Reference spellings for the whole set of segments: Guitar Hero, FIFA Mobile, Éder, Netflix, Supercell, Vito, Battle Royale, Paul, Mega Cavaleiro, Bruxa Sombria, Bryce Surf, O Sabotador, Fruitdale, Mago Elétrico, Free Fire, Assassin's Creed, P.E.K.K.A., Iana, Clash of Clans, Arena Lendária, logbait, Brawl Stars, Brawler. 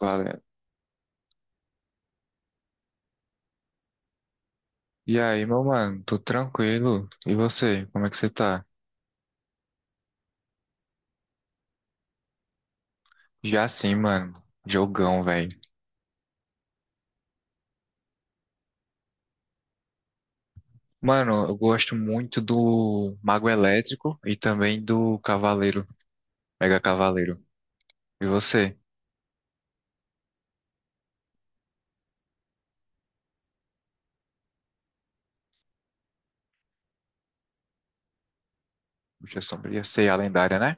Valeu. E aí, meu mano, tô tranquilo. E você, como é que você tá? Já sim, mano. Jogão, velho. Mano, eu gosto muito do Mago Elétrico e também do Cavaleiro, Mega Cavaleiro. E você? Bruxa Sombria, sei a lendária, né?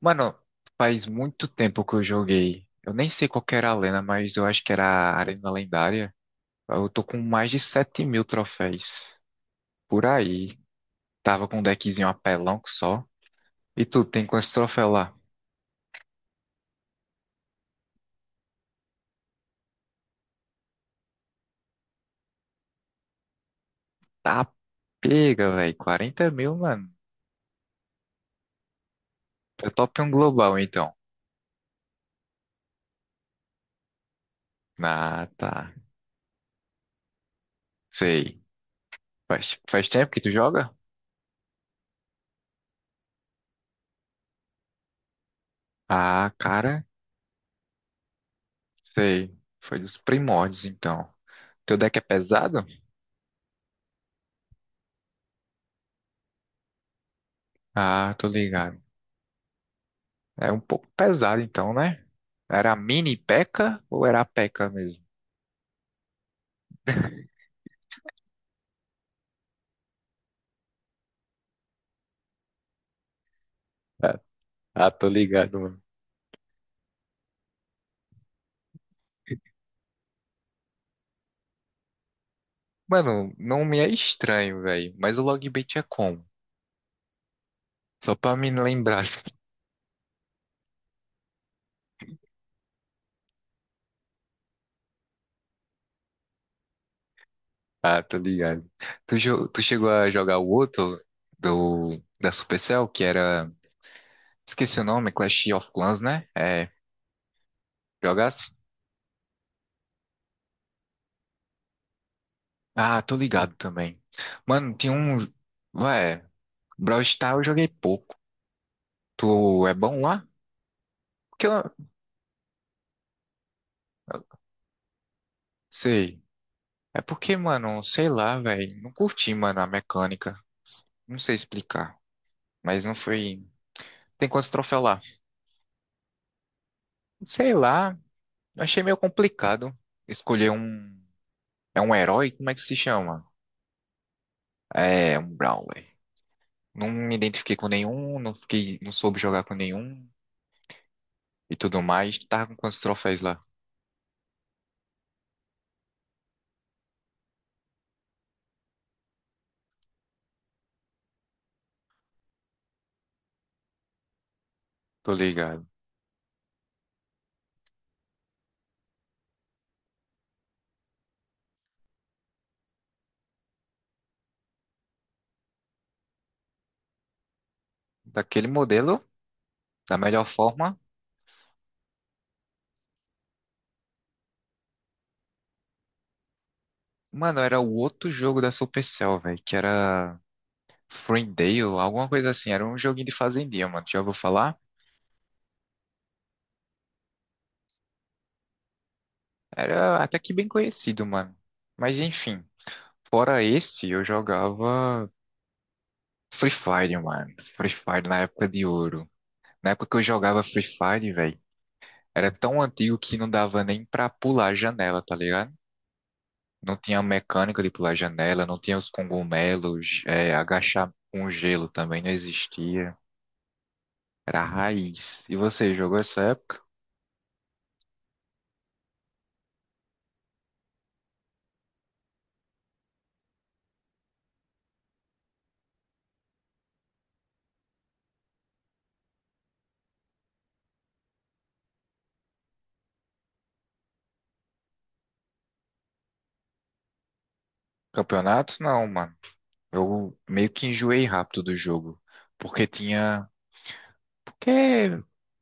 Mano, faz muito tempo que eu joguei. Eu nem sei qual que era a lenda, mas eu acho que era a Arena Lendária. Eu tô com mais de 7.000 troféus. Por aí. Tava com um deckzinho apelão que só. E tu, tem quantos troféus lá? Tá pega, velho. 40.000, mano. Tu é top um global, então. Ah, tá. Sei. Faz tempo que tu joga? Ah, cara. Sei. Foi dos primórdios, então. Teu deck é pesado? Ah, tô ligado. É um pouco pesado, então, né? Era a mini P.E.K.K.A. ou era a P.E.K.K.A. mesmo? Ah, ah, tô ligado, mano. Mano, não me é estranho, velho. Mas o logbait é como? Só pra me lembrar. Ah, tô ligado. Tu chegou a jogar o outro da Supercell, que era. Esqueci o nome, Clash of Clans, né? É. Jogasse? Ah, tô ligado também. Mano, tinha um. Ué, Brawl Stars eu joguei pouco. Tu é bom lá? Porque eu. Sei. É porque, mano, sei lá, velho. Não curti, mano, a mecânica. Não sei explicar. Mas não foi. Tem quantos troféus lá? Sei lá. Achei meio complicado escolher um. É um herói? Como é que se chama? É um Brawler. Não me identifiquei com nenhum, não fiquei, não soube jogar com nenhum e tudo mais. Tava com quantos troféus lá? Tô ligado. Daquele modelo, da melhor forma. Mano, era o outro jogo da Supercell, velho, que era Fruitdale, alguma coisa assim. Era um joguinho de fazendinha, mano. Já ouviu falar? Era até que bem conhecido, mano. Mas enfim, fora esse, eu jogava Free Fire, mano. Free Fire na época de ouro. Na época que eu jogava Free Fire, velho. Era tão antigo que não dava nem pra pular a janela, tá ligado? Não tinha mecânica de pular a janela, não tinha os cogumelos, agachar com gelo também não existia. Era a raiz. E você jogou essa época? Campeonato? Não, mano. Eu meio que enjoei rápido do jogo. Porque tinha. Porque.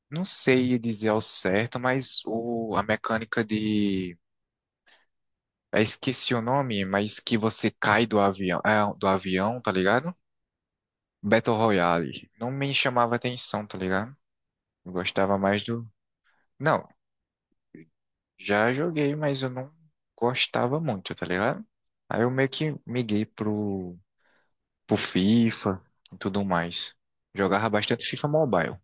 Não sei dizer ao certo, mas o... a mecânica de. Eu esqueci o nome, mas que você cai do avião, do avião, tá ligado? Battle Royale. Não me chamava atenção, tá ligado? Eu gostava mais do. Não, já joguei, mas eu não gostava muito, tá ligado? Aí eu meio que miguei pro, FIFA e tudo mais. Jogava bastante FIFA Mobile.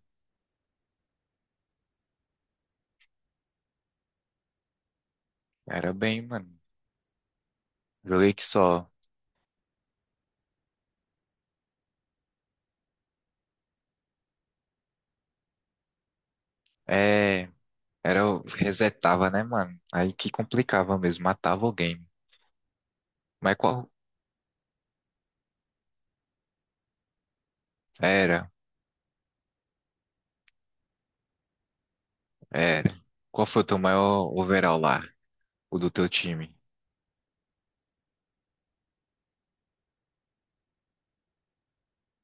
Era bem, mano. Joguei que só. É. Era, eu resetava, né, mano? Aí que complicava mesmo, matava o game. Mas qual. Era, era. Qual foi o teu maior overall lá? O do teu time?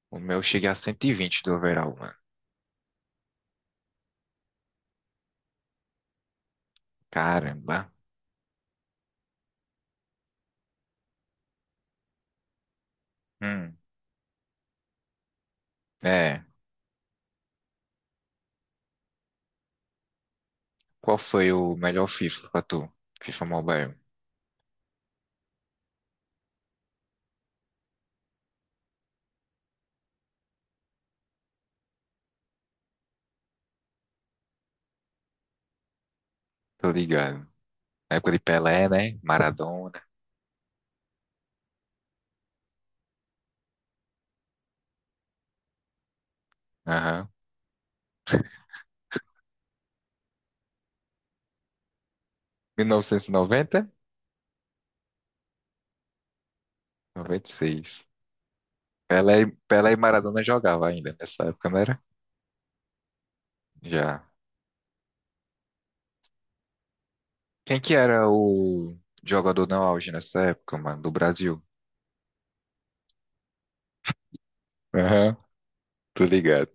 O meu chega a 120 do overall, mano. Caramba. Hum, é. Qual foi o melhor FIFA pra tu? FIFA Mobile. Tô ligado. Época de Pelé, né? Maradona. Aham. 1990? 96. Pelé e Maradona jogava ainda nessa época, não era? Já. Quem que era o jogador no auge nessa época, mano? Do Brasil? Aham. Tô ligado.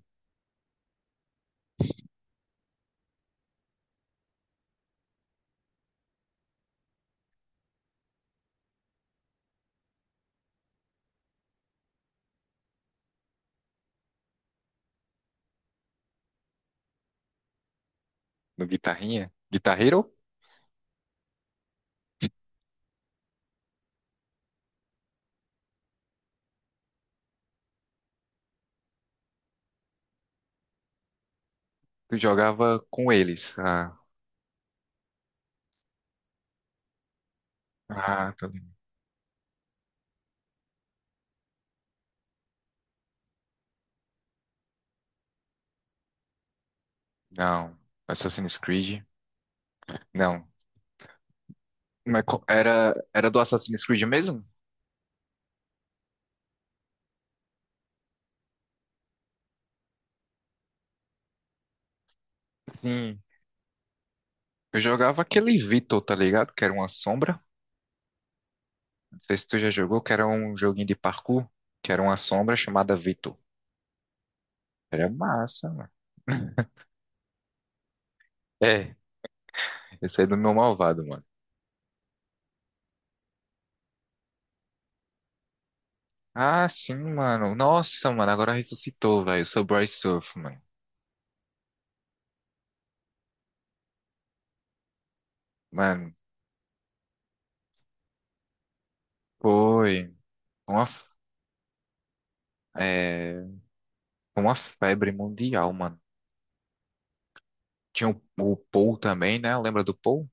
No Guitarrinha? Guitar Hero? Tu jogava com eles. Ah, tô ligado. Não. Assassin's Creed? Não. Mas era do Assassin's Creed mesmo? Sim. Eu jogava aquele Vito, tá ligado? Que era uma sombra. Não sei se tu já jogou, que era um joguinho de parkour, que era uma sombra chamada Vito. Era massa, mano. É. Esse aí é do meu malvado, mano. Ah, sim, mano. Nossa, mano, agora ressuscitou, velho. Eu sou Bryce Surf, mano. Mano, foi uma, é, uma febre mundial, mano. Tinha o Paul também, né? Lembra do Paul?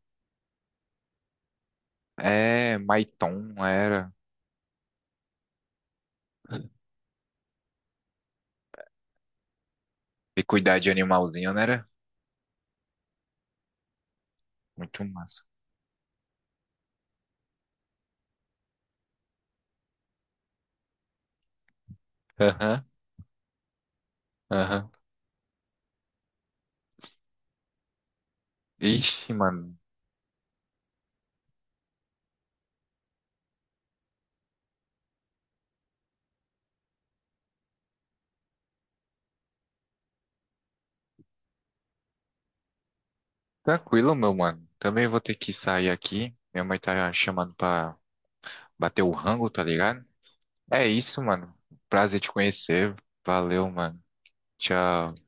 É, Maiton, era. E cuidar de animalzinho, né? Era muito massa. Aham, aham. Ixi, mano. Tranquilo, meu mano. Também vou ter que sair aqui. Minha mãe tá chamando pra bater o rango, tá ligado? É isso, mano. Prazer te conhecer. Valeu, mano. Tchau.